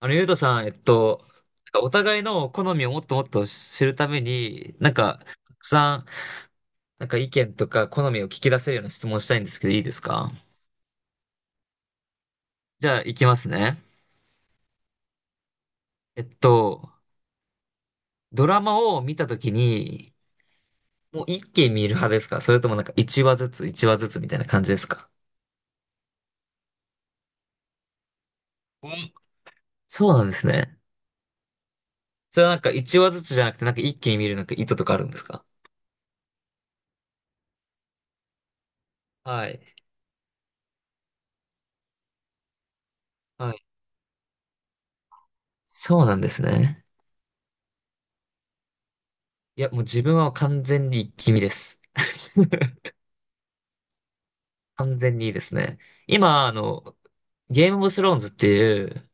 ゆうとさん、なんかお互いの好みをもっともっと知るために、なんか、たくさん、なんか意見とか好みを聞き出せるような質問したいんですけど、いいですか？じゃあ、いきますね。えっと、ドラマを見たときに、もう一気に見る派ですか？それともなんか一話ずつみたいな感じですか？うん、そうなんですね。それはなんか一話ずつじゃなくて、なんか一気に見るなんか意図とかあるんですか？はい。はい。そうなんですね。いや、もう自分は完全に一気見です。完全にいいですね。今、ゲームオブスローンズっていう、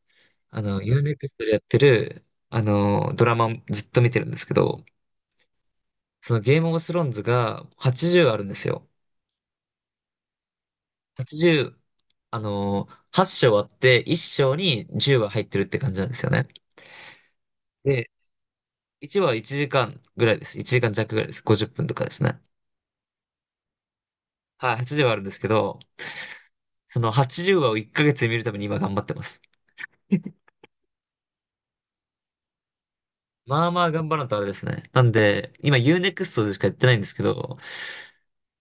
ユーネクストでやってる、ドラマずっと見てるんですけど、そのゲームオブスローンズが80あるんですよ。80、あの、8章あって1章に10は入ってるって感じなんですよね。で、1話は1時間ぐらいです。1時間弱ぐらいです。50分とかですね。はい、80はあるんですけど、その80話を1ヶ月で見るために今頑張ってます。まあまあ頑張らんとあれですね。なんで、今ユーネクストでしかやってないんですけど、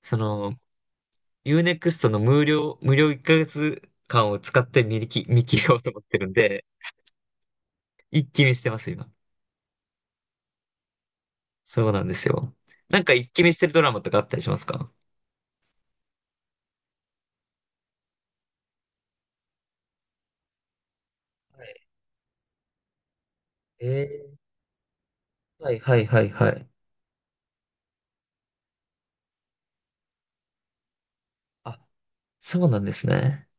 その、ユーネクストの無料1ヶ月間を使って見切ろうと思ってるんで、一気見してます、今。そうなんですよ。なんか一気見してるドラマとかあったりしますか？はい。えー、はいはいはいはい。あ、そうなんですね。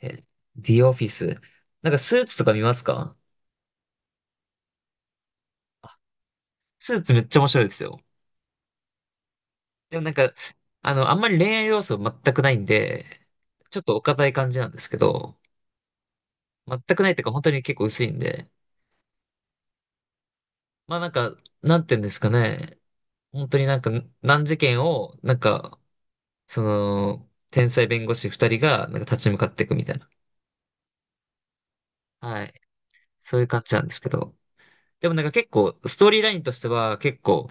え、The Office。なんかスーツとか見ますか？あ、スーツめっちゃ面白いですよ。でもなんか、あんまり恋愛要素全くないんで、ちょっとお堅い感じなんですけど、全くないっていうか本当に結構薄いんで、まあなんか、なんていうんですかね、本当になんか難事件を、なんか、天才弁護士二人がなんか立ち向かっていくみたいな。はい。そういう感じなんですけど。でもなんか結構、ストーリーラインとしては結構好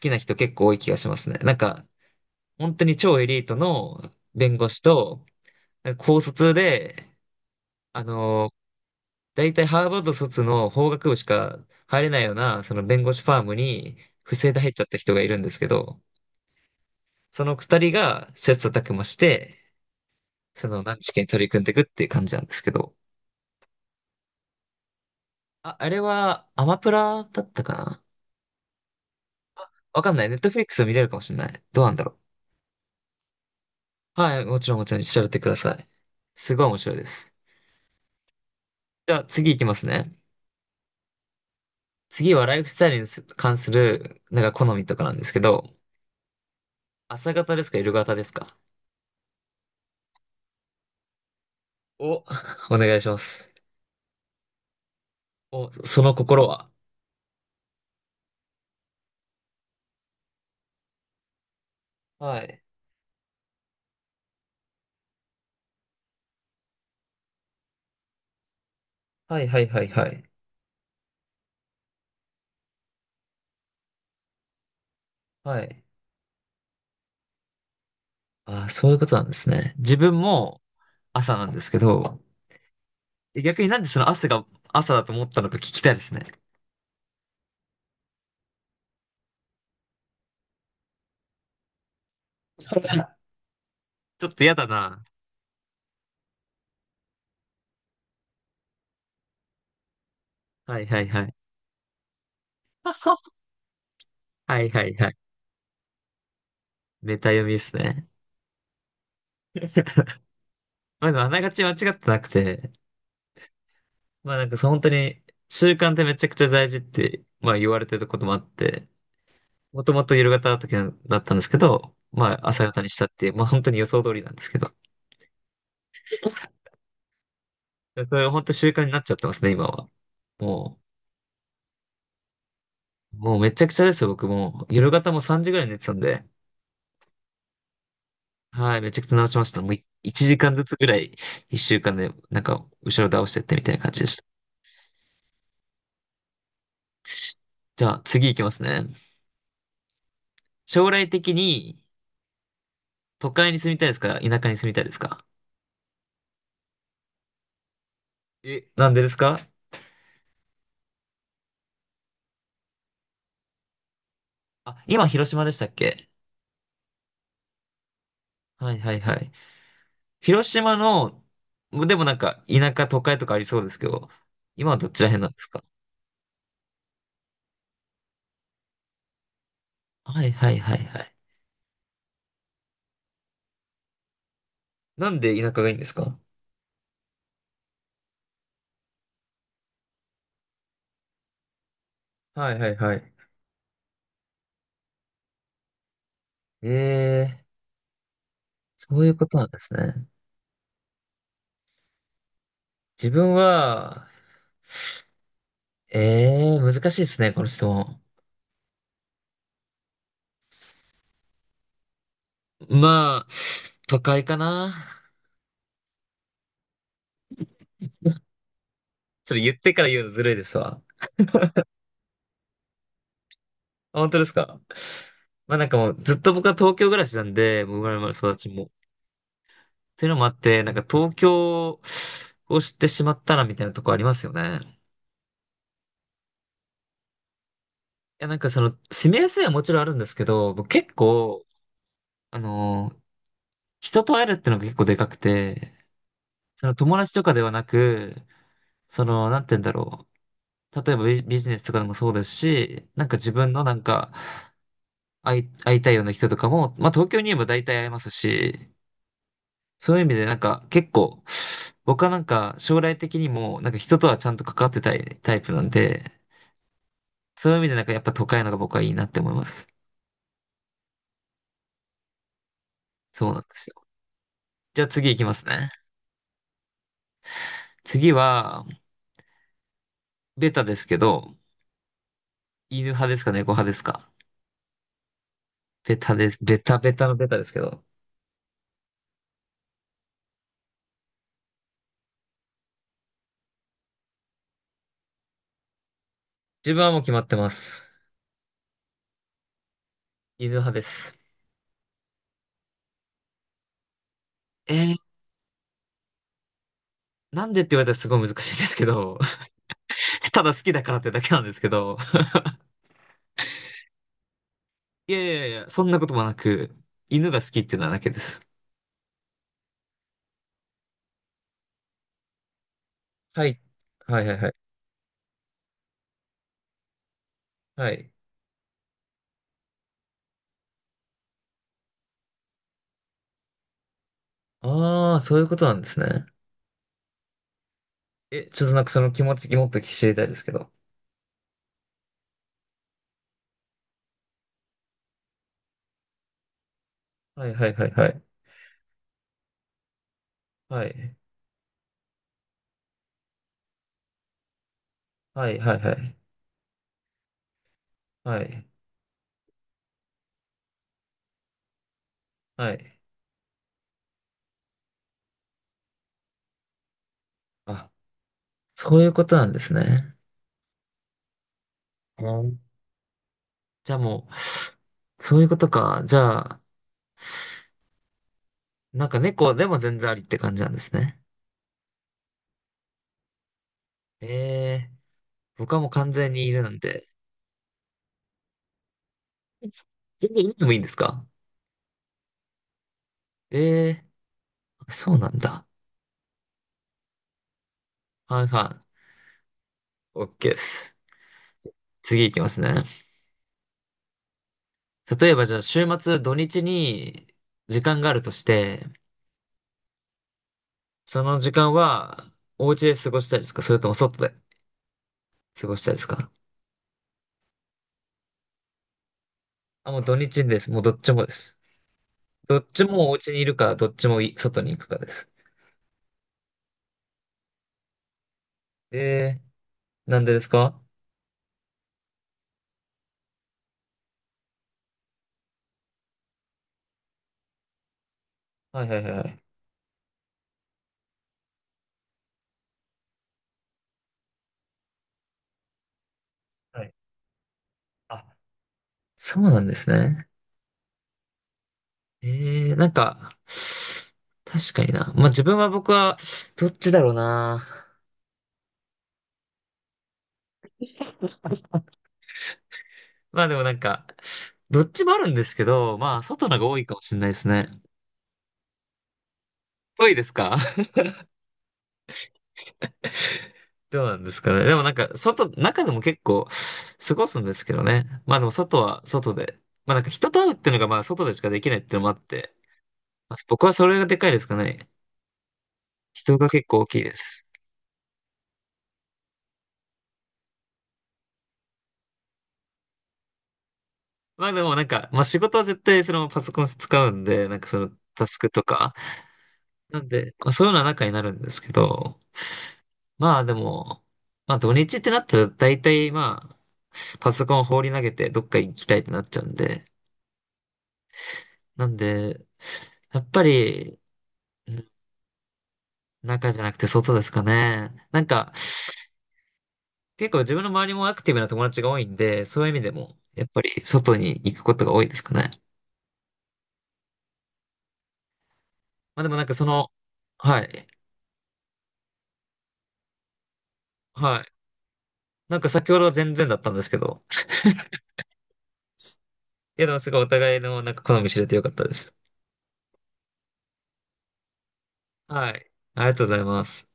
きな人結構多い気がしますね。なんか、本当に超エリートの弁護士と、なんか高卒で、あの大体ハーバード卒の法学部しか入れないような、その弁護士ファームに不正で入っちゃった人がいるんですけど、その二人が切磋琢磨して、その難治験に取り組んでいくっていう感じなんですけど。あ、あれはアマプラだったかな？わかんない。ネットフリックス見れるかもしれない。どうなんだろう。はい、もちろんもちろん調べてください。すごい面白いです。じゃあ次行きますね。次はライフスタイルに関する、なんか好みとかなんですけど、朝型ですか、夜型ですか？お、お願いします。お、その心は。はい。はいはいはいはい。はい。ああ、そういうことなんですね。自分も朝なんですけど、逆になんでその朝が朝だと思ったのか聞きたいですね。ちょっと嫌だな。はいはいはい。はいはいはい。メタ読みですね。まあでもあながち間違ってなくて、まあなんかその本当に習慣ってめちゃくちゃ大事って、まあ言われてることもあって、もともと夜型だったんですけど、まあ朝型にしたっていう、まあ本当に予想通りなんですけど。やそれ本当習慣になっちゃってますね、今は。ももうめちゃくちゃですよ、僕も。夜型も3時ぐらいに寝てたんで、はい、めちゃくちゃ直しました。もう1時間ずつぐらい、1週間で、なんか、後ろ倒してってみたいな感じでした。じゃあ、次行きますね。将来的に、都会に住みたいですか？田舎に住みたいですか？え、なんでですか？あ、今、広島でしたっけ？はいはいはい。広島の、でもなんか、田舎、都会とかありそうですけど、今はどっちら辺なんですか？はいはいはいはい。なんで田舎がいいんですか？はいはいはい。ええ、そういうことなんですね。自分は、難しいですね、この質問。まあ、都会かな。それ言ってから言うのずるいですわ。あ、本当ですか？まあなんかもうずっと僕は東京暮らしなんで、もう生まれも育ちも。っていうのもあって、なんか東京を知ってしまったなみたいなとこありますよね。いやなんかその、住みやすいはもちろんあるんですけど、僕結構、あのー人と会えるってのが結構でかくて、その友達とかではなく、その、なんて言うんだろう。例えばビジネスとかでもそうですし、なんか自分のなんか、会いたいような人とかも、まあ東京にいれば大体会えますし、そういう意味でなんか結構、僕はなんか将来的にもなんか人とはちゃんと関わってたいタイプなんで、そういう意味でなんかやっぱ都会のが僕はいいなって思います。そうなんですよ。じゃあ次行きますね。次は、ベタですけど、犬派ですか？猫派ですか？ベタです。ベタベタのベタですけど。自分はもう決まってます。犬派です。えーなんでって言われたらすごい難しいんですけど、ただ好きだからってだけなんですけど、いやいやいや、そんなこともなく、犬が好きっていうのはだけです。はい。はいはいはい。はい。ああ、そういうことなんですね。え、ちょっとなんかその気持ちもっと知りたいですけど。はいはいはいはい。はい。はいはいはい。はい。はい。あ、そういうことなんですね。うん。じゃあもう、そういうことか。じゃあ、なんか猫でも全然ありって感じなんですね。ええ、僕はもう完全に犬なんで、全然海でもいいんですか？ええー、そうなんだ。はいはい。オッケーです。次いきますね。例えばじゃあ週末土日に時間があるとして、その時間はお家で過ごしたいですか？それとも外で過ごしたいですか？あ、もう土日です。もうどっちもです。どっちもお家にいるか、どっちも外に行くかです。ええー、なんでですか？はいはいはいはい。はい。あ、そうなんですね。ええなんか、確かにな。まあ自分は僕は、どっちだろうな。まあでもなんか、どっちもあるんですけど、まあ外のが多いかもしれないですね。多いですか？ どうなんですかね。でもなんか、外、中でも結構過ごすんですけどね。まあでも外は外で。まあなんか人と会うっていうのがまあ外でしかできないっていうのもあって、まあ、僕はそれがでかいですかね。人が結構大きいです。まあでもなんか、まあ仕事は絶対そのパソコン使うんで、なんかそのタスクとか、なんで、まあ、そういうような中になるんですけど、まあでも、まあ土日ってなったら大体まあ、パソコン放り投げてどっか行きたいってなっちゃうんで、なんで、やっぱり、うん、中じゃなくて外ですかね。なんか、結構自分の周りもアクティブな友達が多いんで、そういう意味でも、やっぱり外に行くことが多いですかね。まあでもなんかその、はい、はい。なんか先ほどは全然だったんですけど、いやでもすごいお互いのなんか好み知れてよかったです。はい。ありがとうございます。